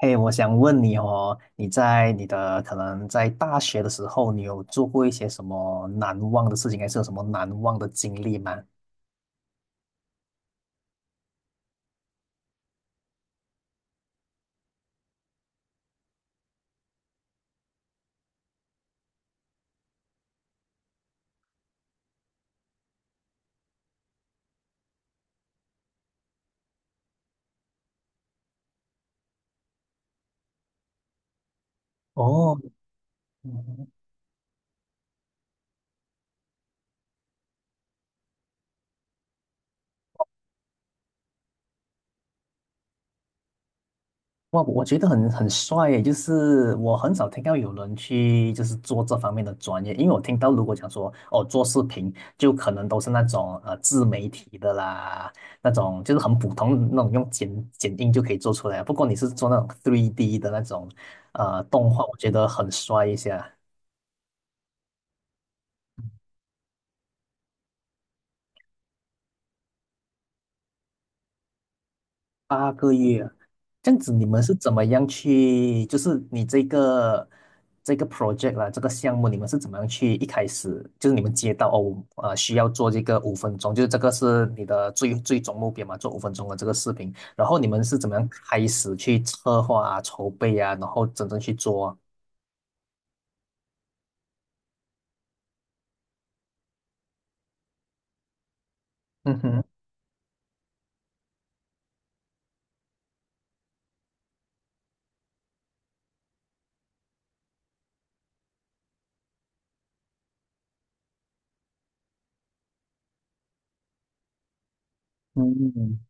嘿，我想问你哦，你的可能在大学的时候，你有做过一些什么难忘的事情，还是有什么难忘的经历吗？哦。嗯。哇，我觉得很帅耶，就是我很少听到有人去就是做这方面的专业，因为我听到如果讲说哦做视频，就可能都是那种自媒体的啦，那种就是很普通的那种用剪映就可以做出来啊。不过你是做那种 3D 的那种动画，我觉得很帅一些。8个月啊，这样子你们是怎么样去？就是你这个 project 啦，这个项目，你们是怎么样去？一开始就是你们接到哦，需要做这个五分钟，就是这个是你的最终目标嘛，做五分钟的这个视频。然后你们是怎么样开始去策划啊、筹备啊，然后真正去做啊？嗯哼。嗯，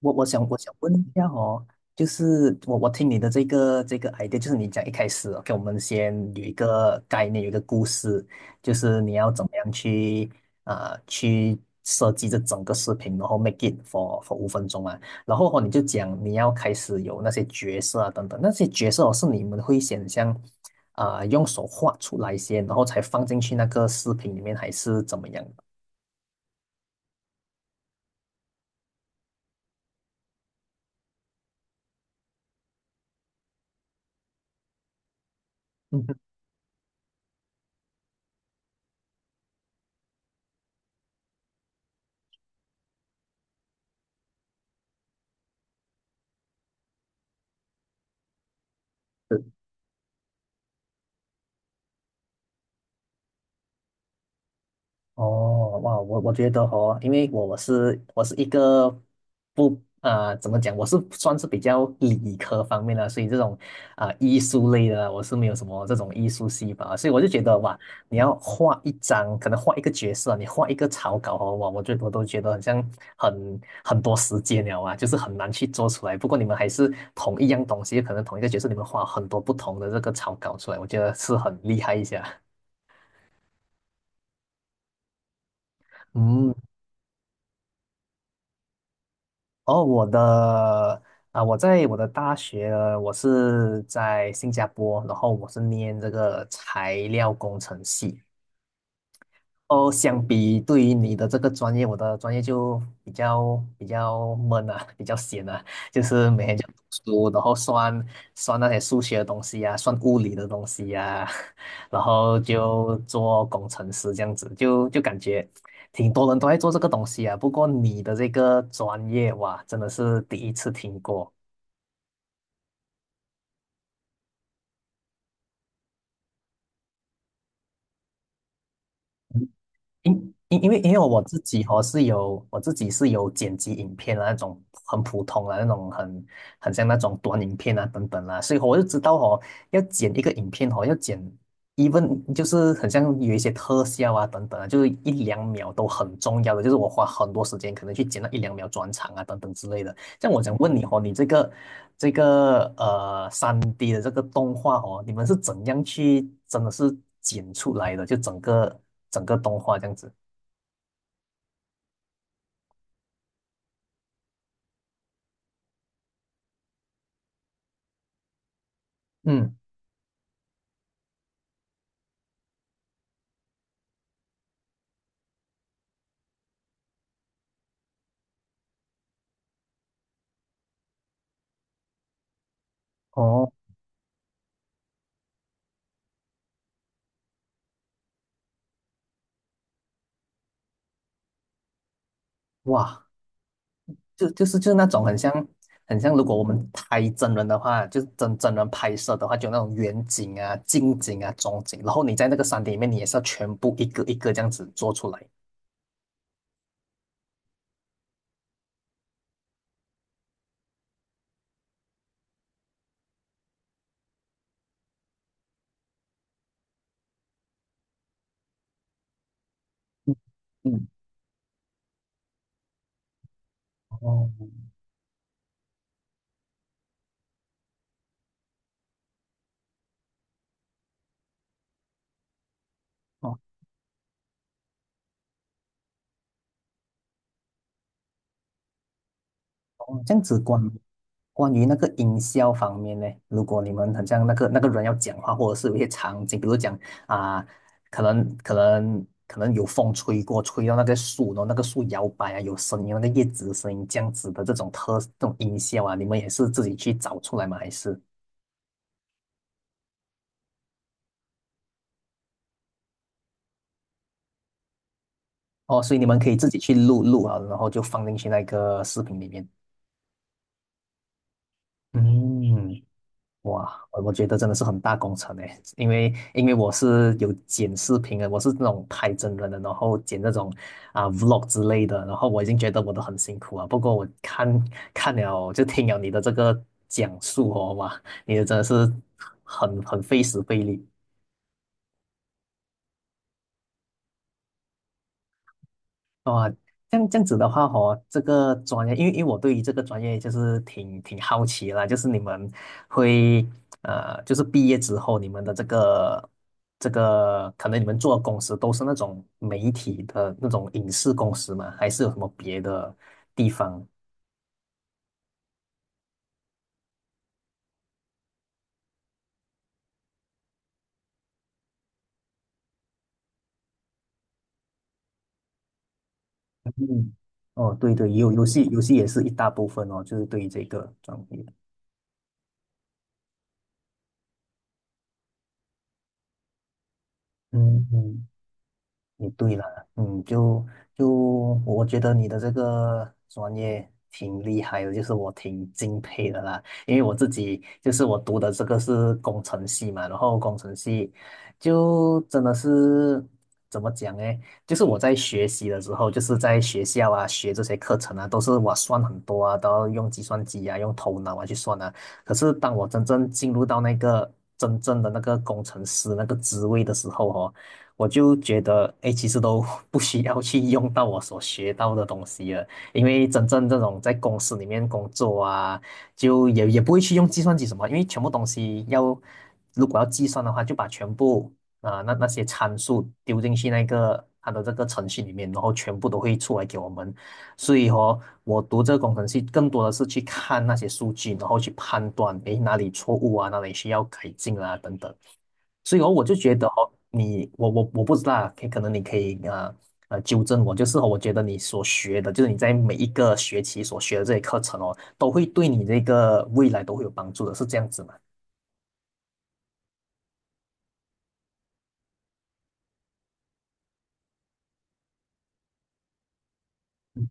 我想问一下哦，就是我听你的这个 idea，就是你讲一开始哦给我们先有一个概念，有一个故事，就是你要怎么样去啊去设计这整个视频，然后 make it for 5分钟啊，然后哦你就讲你要开始有那些角色啊等等，那些角色哦是你们会想象啊、用手画出来先，然后才放进去那个视频里面，还是怎么样的？嗯哼。哦，哇，我觉得哦，因为我是一个不啊、怎么讲，我是算是比较理科方面的，所以这种啊、艺术类的啊我是没有什么这种艺术细胞啊，所以我就觉得哇，你要画一张，可能画一个角色啊，你画一个草稿哦，哇，我都觉得很像很多时间了啊，就是很难去做出来。不过你们还是同一样东西，可能同一个角色，你们画很多不同的这个草稿出来，我觉得是很厉害一下。嗯。哦，我在我的大学，我是在新加坡，然后我是念这个材料工程系。哦，相比对于你的这个专业，我的专业就比较闷啊，比较闲啊，就是每天就读书，然后算那些数学的东西呀、算物理的东西呀、然后就做工程师这样子，就感觉挺多人都在做这个东西啊。不过你的这个专业，哇，真的是第一次听过。因因为我自己是有剪辑影片啊那种很普通的那种很像那种短影片啊等等啦、所以我就知道哦要剪一个影片哦even 就是很像有一些特效啊等等啊，就是一两秒都很重要的，就是我花很多时间可能去剪那一两秒转场啊等等之类的。像我想问你哦，你这个3D 的这个动画哦，你们是怎样去真的是剪出来的？就整个动画这样子。嗯。哦。哇，就是那种很像，如果我们拍真人的话，就是真人拍摄的话，就那种远景啊、近景啊、中景，然后你在那个 3D 里面，你也是要全部一个一个这样子做出来。嗯。嗯。哦哦。哦，这样子关于那个音效方面呢，如果你们很像那个人要讲话，或者是有一些场景，比如讲啊、可能有风吹过，吹到那个树，然后那个树摇摆啊，有声音，那个叶子的声音，这样子的这种这种音效啊，你们也是自己去找出来吗？还是哦，所以你们可以自己去录录啊，然后就放进去那个视频里面。嗯。哇，我觉得真的是很大工程诶，因为我是有剪视频的，我是那种拍真人的，然后剪那种啊、vlog 之类的，然后我已经觉得我都很辛苦啊。不过我看了就听了你的这个讲述哦，哇，你的真的是很费时费力。哦，这样子的话哦，这个专业，因为我对于这个专业就是挺好奇啦，就是你们会就是毕业之后，你们的这个，可能你们做的公司都是那种媒体的那种影视公司嘛，还是有什么别的地方？嗯。哦，对对，有游戏也是一大部分哦，就是对于这个专业。嗯嗯。你对了，嗯，就我觉得你的这个专业挺厉害的，就是我挺敬佩的啦。因为我自己就是我读的这个是工程系嘛，然后工程系就真的是怎么讲呢？就是我在学习的时候，就是在学校啊学这些课程啊，都是我算很多啊，都要用计算机啊，用头脑啊去算啊。可是当我真正进入到那个真正的那个工程师那个职位的时候哦。我就觉得，哎，其实都 不需要去用到我所学到的东西了，因为真正这种在公司里面工作啊，就也不会去用计算机什么，因为全部东西要如果要计算的话，就把全部啊、那些参数丢进去那个它的这个程序里面，然后全部都会出来给我们。所以说，我读这个工程系更多的是去看那些数据，然后去判断，诶，哪里错误啊，哪里需要改进啊，等等。所以哦，我就觉得哦，你我我我不知道啊，可能你可以纠正我，就是哦我觉得你所学的，就是你在每一个学期所学的这些课程哦，都会对你这个未来都会有帮助的，是这样子吗？嗯。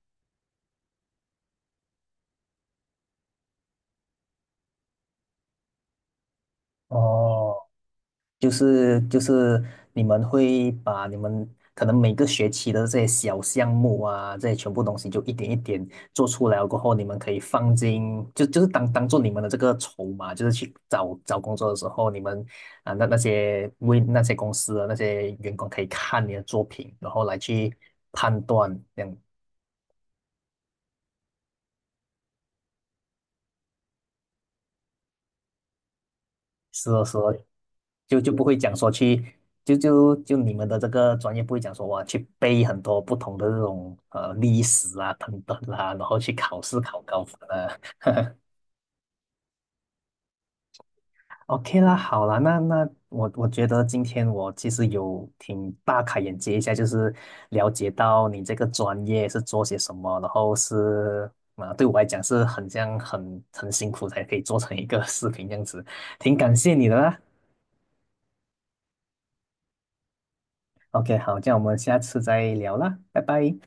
哦。就是你们会把你们可能每个学期的这些小项目啊，这些全部东西就一点一点做出来了过后，你们可以放进当做你们的这个筹码，就是去找工作的时候，你们啊那那些为那些公司的那些员工可以看你的作品，然后来去判断，这样是的，是的，就不会讲说去，就你们的这个专业不会讲说哇去背很多不同的这种历史啊等等啦，然后去考试考高分啊。OK 啦，好啦，那我觉得今天我其实有挺大开眼界一下，就是了解到你这个专业是做些什么，然后是啊，对我来讲是很像很辛苦才可以做成一个 视频这样子，挺感谢你的啦。OK，好，这样我们下次再聊啦，拜拜。